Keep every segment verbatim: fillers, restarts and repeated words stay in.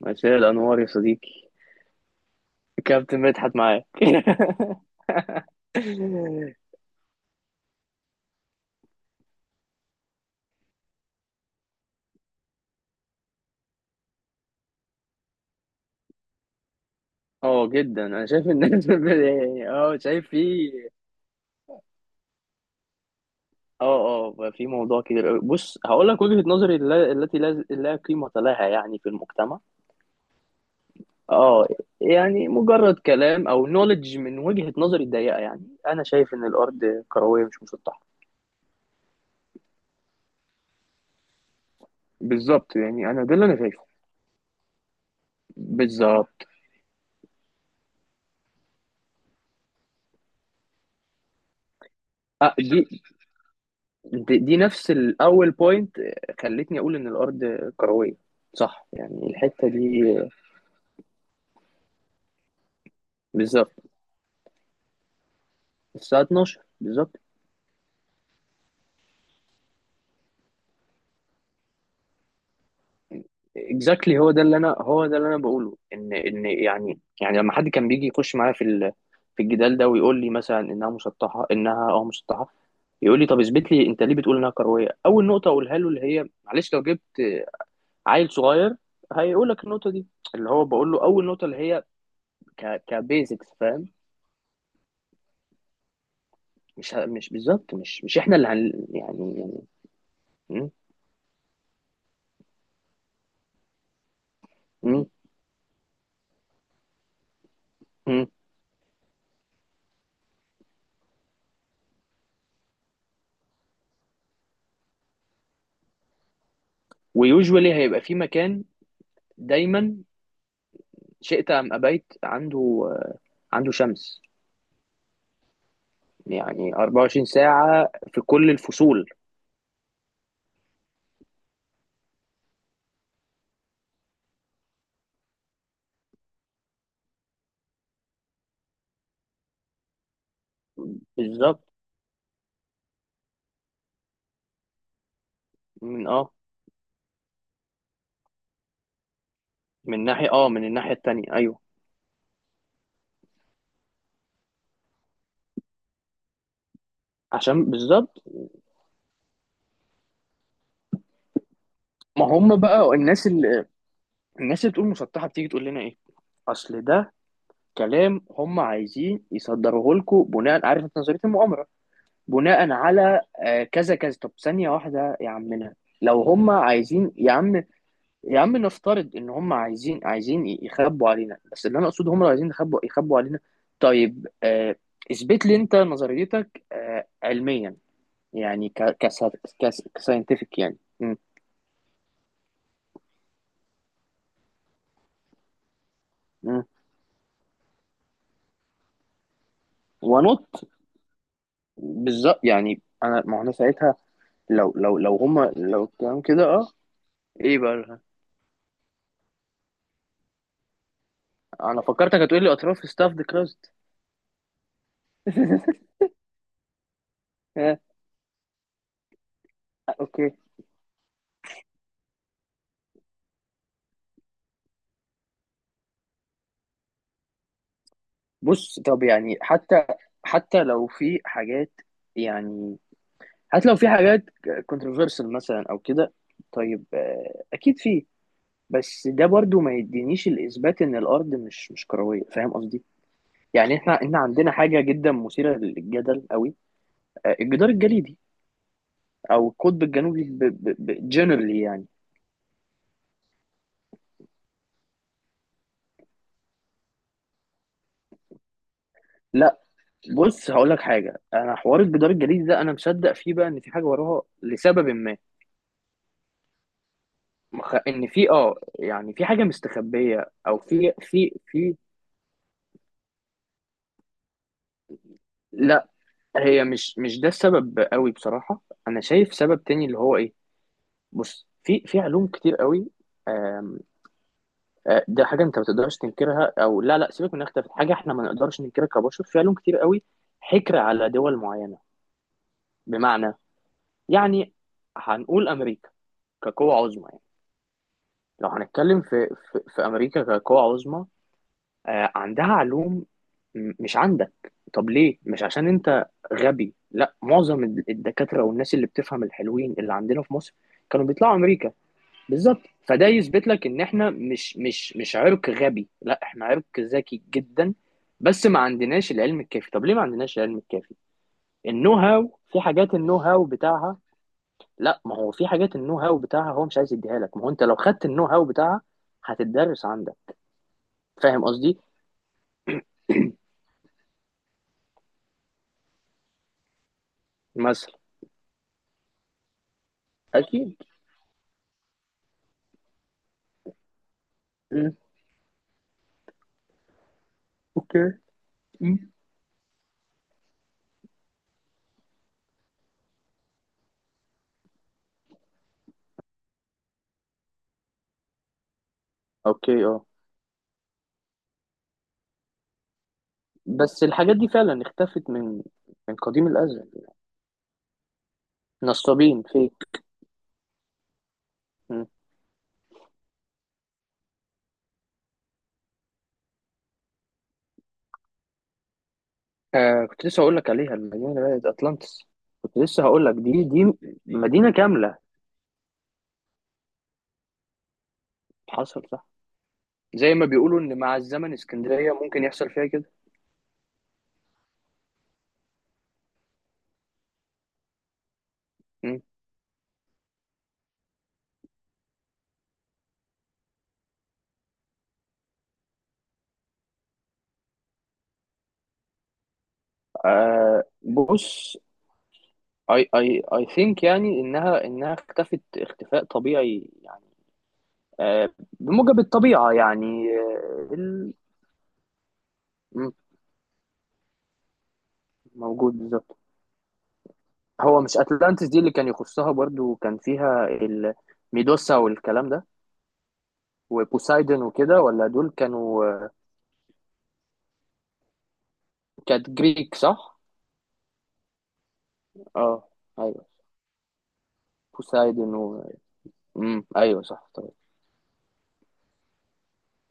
مساء الأنوار يا صديقي. كابتن مدحت معاك. اه جدا انا شايف ان اه شايف في. اه اه بقى في موضوع كبير أوي. بص هقول لك وجهة نظري الل- التي لا لا قيمة لها، يعني في المجتمع. اه يعني مجرد كلام او نوليدج من وجهة نظري الضيقة، يعني انا شايف ان الارض كروية مش مسطحة بالظبط. يعني انا ده اللي انا شايفه بالظبط. أه دي دي دي نفس الاول بوينت خلتني اقول ان الارض كرويه. صح، يعني الحته دي بالظبط. الساعه اثنا عشر بالظبط. اكزاكتلي، هو ده اللي انا، هو ده اللي انا بقوله، ان ان يعني، يعني لما حد كان بيجي يخش معايا في ال- في الجدال ده ويقول لي مثلا انها مسطحه، انها اه مسطحه، يقول لي طب اثبت لي انت ليه بتقول انها كرويه. اول نقطه اقولها له اللي هي معلش لو جبت عيل صغير هيقول لك النقطه دي، اللي هو بقول له اول نقطه اللي هي ك كبيزكس، فاهم؟ مش ه- مش بالظبط، مش مش احنا اللي هن يعني، يعني م- م- م. ويوجوالي هيبقى في مكان دايما شئت ام ابيت عنده عنده شمس يعني اربعة وعشرين ساعة في كل الفصول بالظبط من اه من ناحية اه من الناحية التانية ايوه عشان بالظبط ما هم بقى الناس اللي الناس اللي تقول مسطحة بتيجي تقول لنا ايه اصل ده كلام هم عايزين يصدروه لكم بناء عارف انت نظرية المؤامرة بناء على آه، كذا كذا طب ثانية واحدة يا عمنا لو هم عايزين يا عم يا عم نفترض ان هم عايزين عايزين ي- يخبوا علينا بس اللي انا اقصده هم لو عايزين يخبوا يخبوا علينا طيب آه، اثبت لي انت نظريتك آه، علميا يعني ك ك كساينتفك يعني م- م. ونط. بالظبط، يعني انا، ما هو انا ساعتها. لو لو لو هم لو الكلام كده. اه ايه بقى؟ انا فكرتك هتقول لي اطراف ستاف ذا كراست. اوكي. بص، طب يعني حتى حتى لو في حاجات، يعني حتى لو في حاجات كونتروفيرسل مثلا او كده. طيب، آه، اكيد في. بس ده برضو ما يدينيش الاثبات ان الارض مش مش كرويه، فاهم قصدي؟ يعني احنا احنا عندنا حاجه جدا مثيره للجدل قوي، آه، الجدار الجليدي او القطب الجنوبي جنرالي يعني. لا، بص هقول لك حاجه، انا حوار الجدار الجليدي ده انا مصدق فيه، بقى ان في حاجه وراها لسبب ما. مخ... ان في اه يعني في حاجه مستخبيه، او في في في لا، هي مش مش ده السبب قوي بصراحه. انا شايف سبب تاني، اللي هو ايه؟ بص، في في علوم كتير قوي، آم، آه، ده حاجه انت ما تقدرش تنكرها. او لا لا سيبك، من اختلاف حاجه احنا ما نقدرش ننكرها كبشر، في علوم كتير قوي حكر على دول معينه. بمعنى، يعني هنقول امريكا كقوه عظمى يعني. لو هنتكلم في في, في امريكا كقوه عظمى، آه، عندها علوم م- مش عندك. طب ليه؟ مش عشان انت غبي، لا، معظم الد- الدكاترة والناس اللي بتفهم الحلوين اللي عندنا في مصر كانوا بيطلعوا امريكا بالظبط. فده يثبت لك ان احنا مش مش مش عرق غبي، لا احنا عرق ذكي جدا، بس ما عندناش العلم الكافي. طب ليه ما عندناش العلم الكافي؟ النو هاو. في حاجات النو هاو بتاعها. لا، ما هو في حاجات النو هاو بتاعها هو مش عايز يديها لك، ما هو انت لو خدت النو هاو بتاعها هتتدرس عندك، فاهم قصدي؟ مثلا، اكيد. اوكي. مم. اوكي، اه. بس الحاجات دي فعلا اختفت من، من قديم الازل. نصابين فيك. مم. آه، كنت لسه هقول لك عليها، المدينه بقت اطلانتس. كنت لسه هقول لك، دي دي مدينه كامله، حصل صح. زي ما بيقولوا ان مع الزمن اسكندريه ممكن يحصل فيها كده. مم. آه بص، اي اي اي ثينك يعني انها انها اختفت اختفاء طبيعي يعني، آه، بموجب الطبيعه يعني. آه، ال- مم، موجود بالظبط. هو مش اتلانتس دي اللي كان يخصها برضو، كان فيها الميدوسا والكلام ده، وبوسايدن وكده؟ ولا دول كانوا، كانت جريك، صح؟ اه، ايوه، بوسايدن و... امم، ايوه صح، طيب.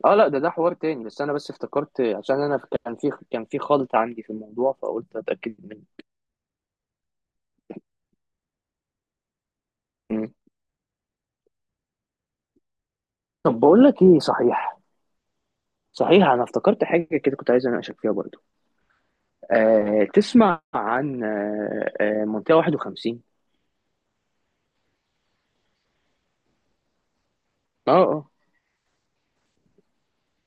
اه لا، ده ده حوار تاني، بس انا بس افتكرت عشان انا كان في، كان في خلط عندي في الموضوع، فقلت اتاكد منه. أمم. طب بقول لك ايه صحيح، صحيح انا افتكرت حاجه كده كنت عايز اناقشك فيها برضو. آه تسمع عن آه آه منطقه واحد وخمسين؟ اه اه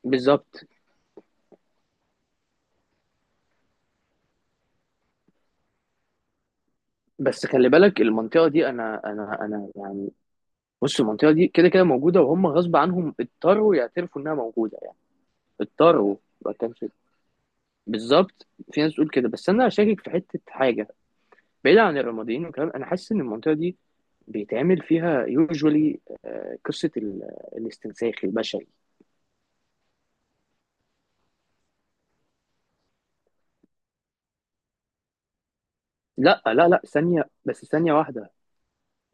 بالظبط. بس خلي بالك المنطقة دي، أنا أنا أنا يعني، بص المنطقة دي كده كده موجودة، وهم غصب عنهم اضطروا يعترفوا إنها موجودة يعني. اضطروا، ما كانش. بالظبط، في ناس تقول كده، بس أنا شاكك في حتة حاجة. بعيد عن الرماديين والكلام، أنا حاسس إن المنطقة دي بيتعمل فيها يوجوالي قصة ال- الاستنساخ البشري. لا لا لا، ثانية، بس ثانية واحدة،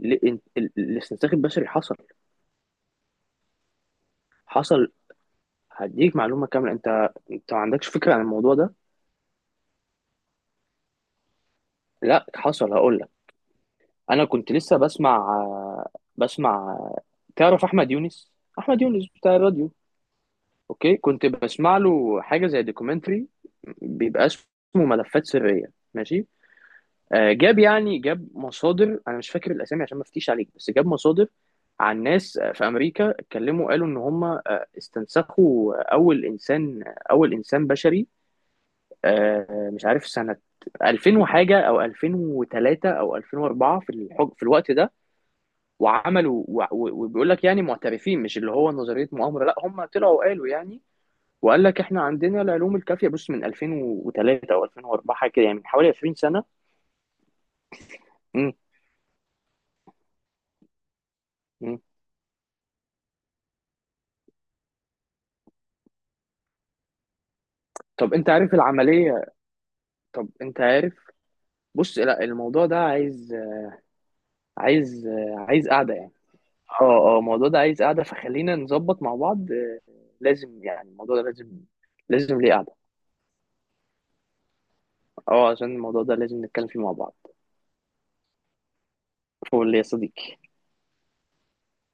ال- ال- ال- الاستنساخ البشري حصل. حصل، هديك معلومة كاملة، أنت أنت ما عندكش فكرة عن الموضوع ده. لا، حصل هقول. انا كنت لسه بسمع، بسمع تعرف احمد يونس احمد يونس بتاع الراديو. اوكي. كنت بسمع له حاجه زي دوكيومنتري بيبقى اسمه ملفات سريه، ماشي. آه، جاب يعني جاب مصادر، انا مش فاكر الاسامي عشان ما افتيش عليك، بس جاب مصادر عن ناس، آه، في امريكا، اتكلموا قالوا ان هم، آه، استنسخوا اول انسان، اول انسان بشري، آه، مش عارف سنه الفين وحاجه او الفين وتلاته او ألفين وأربعة، في الحج في الوقت ده. وعملوا و- و- وبيقول لك، يعني معترفين، مش اللي هو نظريه مؤامره، لا هم طلعوا قالوا يعني، وقال لك احنا عندنا العلوم الكافيه. بص من الفين وتلاته او ألفين وأربعة حاجه كده، يعني من حوالي عشرين سنه. امم. امم. طب انت عارف العمليه؟ طب انت عارف، بص لا، الموضوع ده عايز، عايز عايز قعده يعني. اه اه الموضوع ده عايز قعده، فخلينا نظبط مع بعض، آه، لازم يعني. الموضوع ده لازم، لازم ليه قعده. اه عشان الموضوع ده لازم نتكلم فيه مع بعض. فول يا صديقي.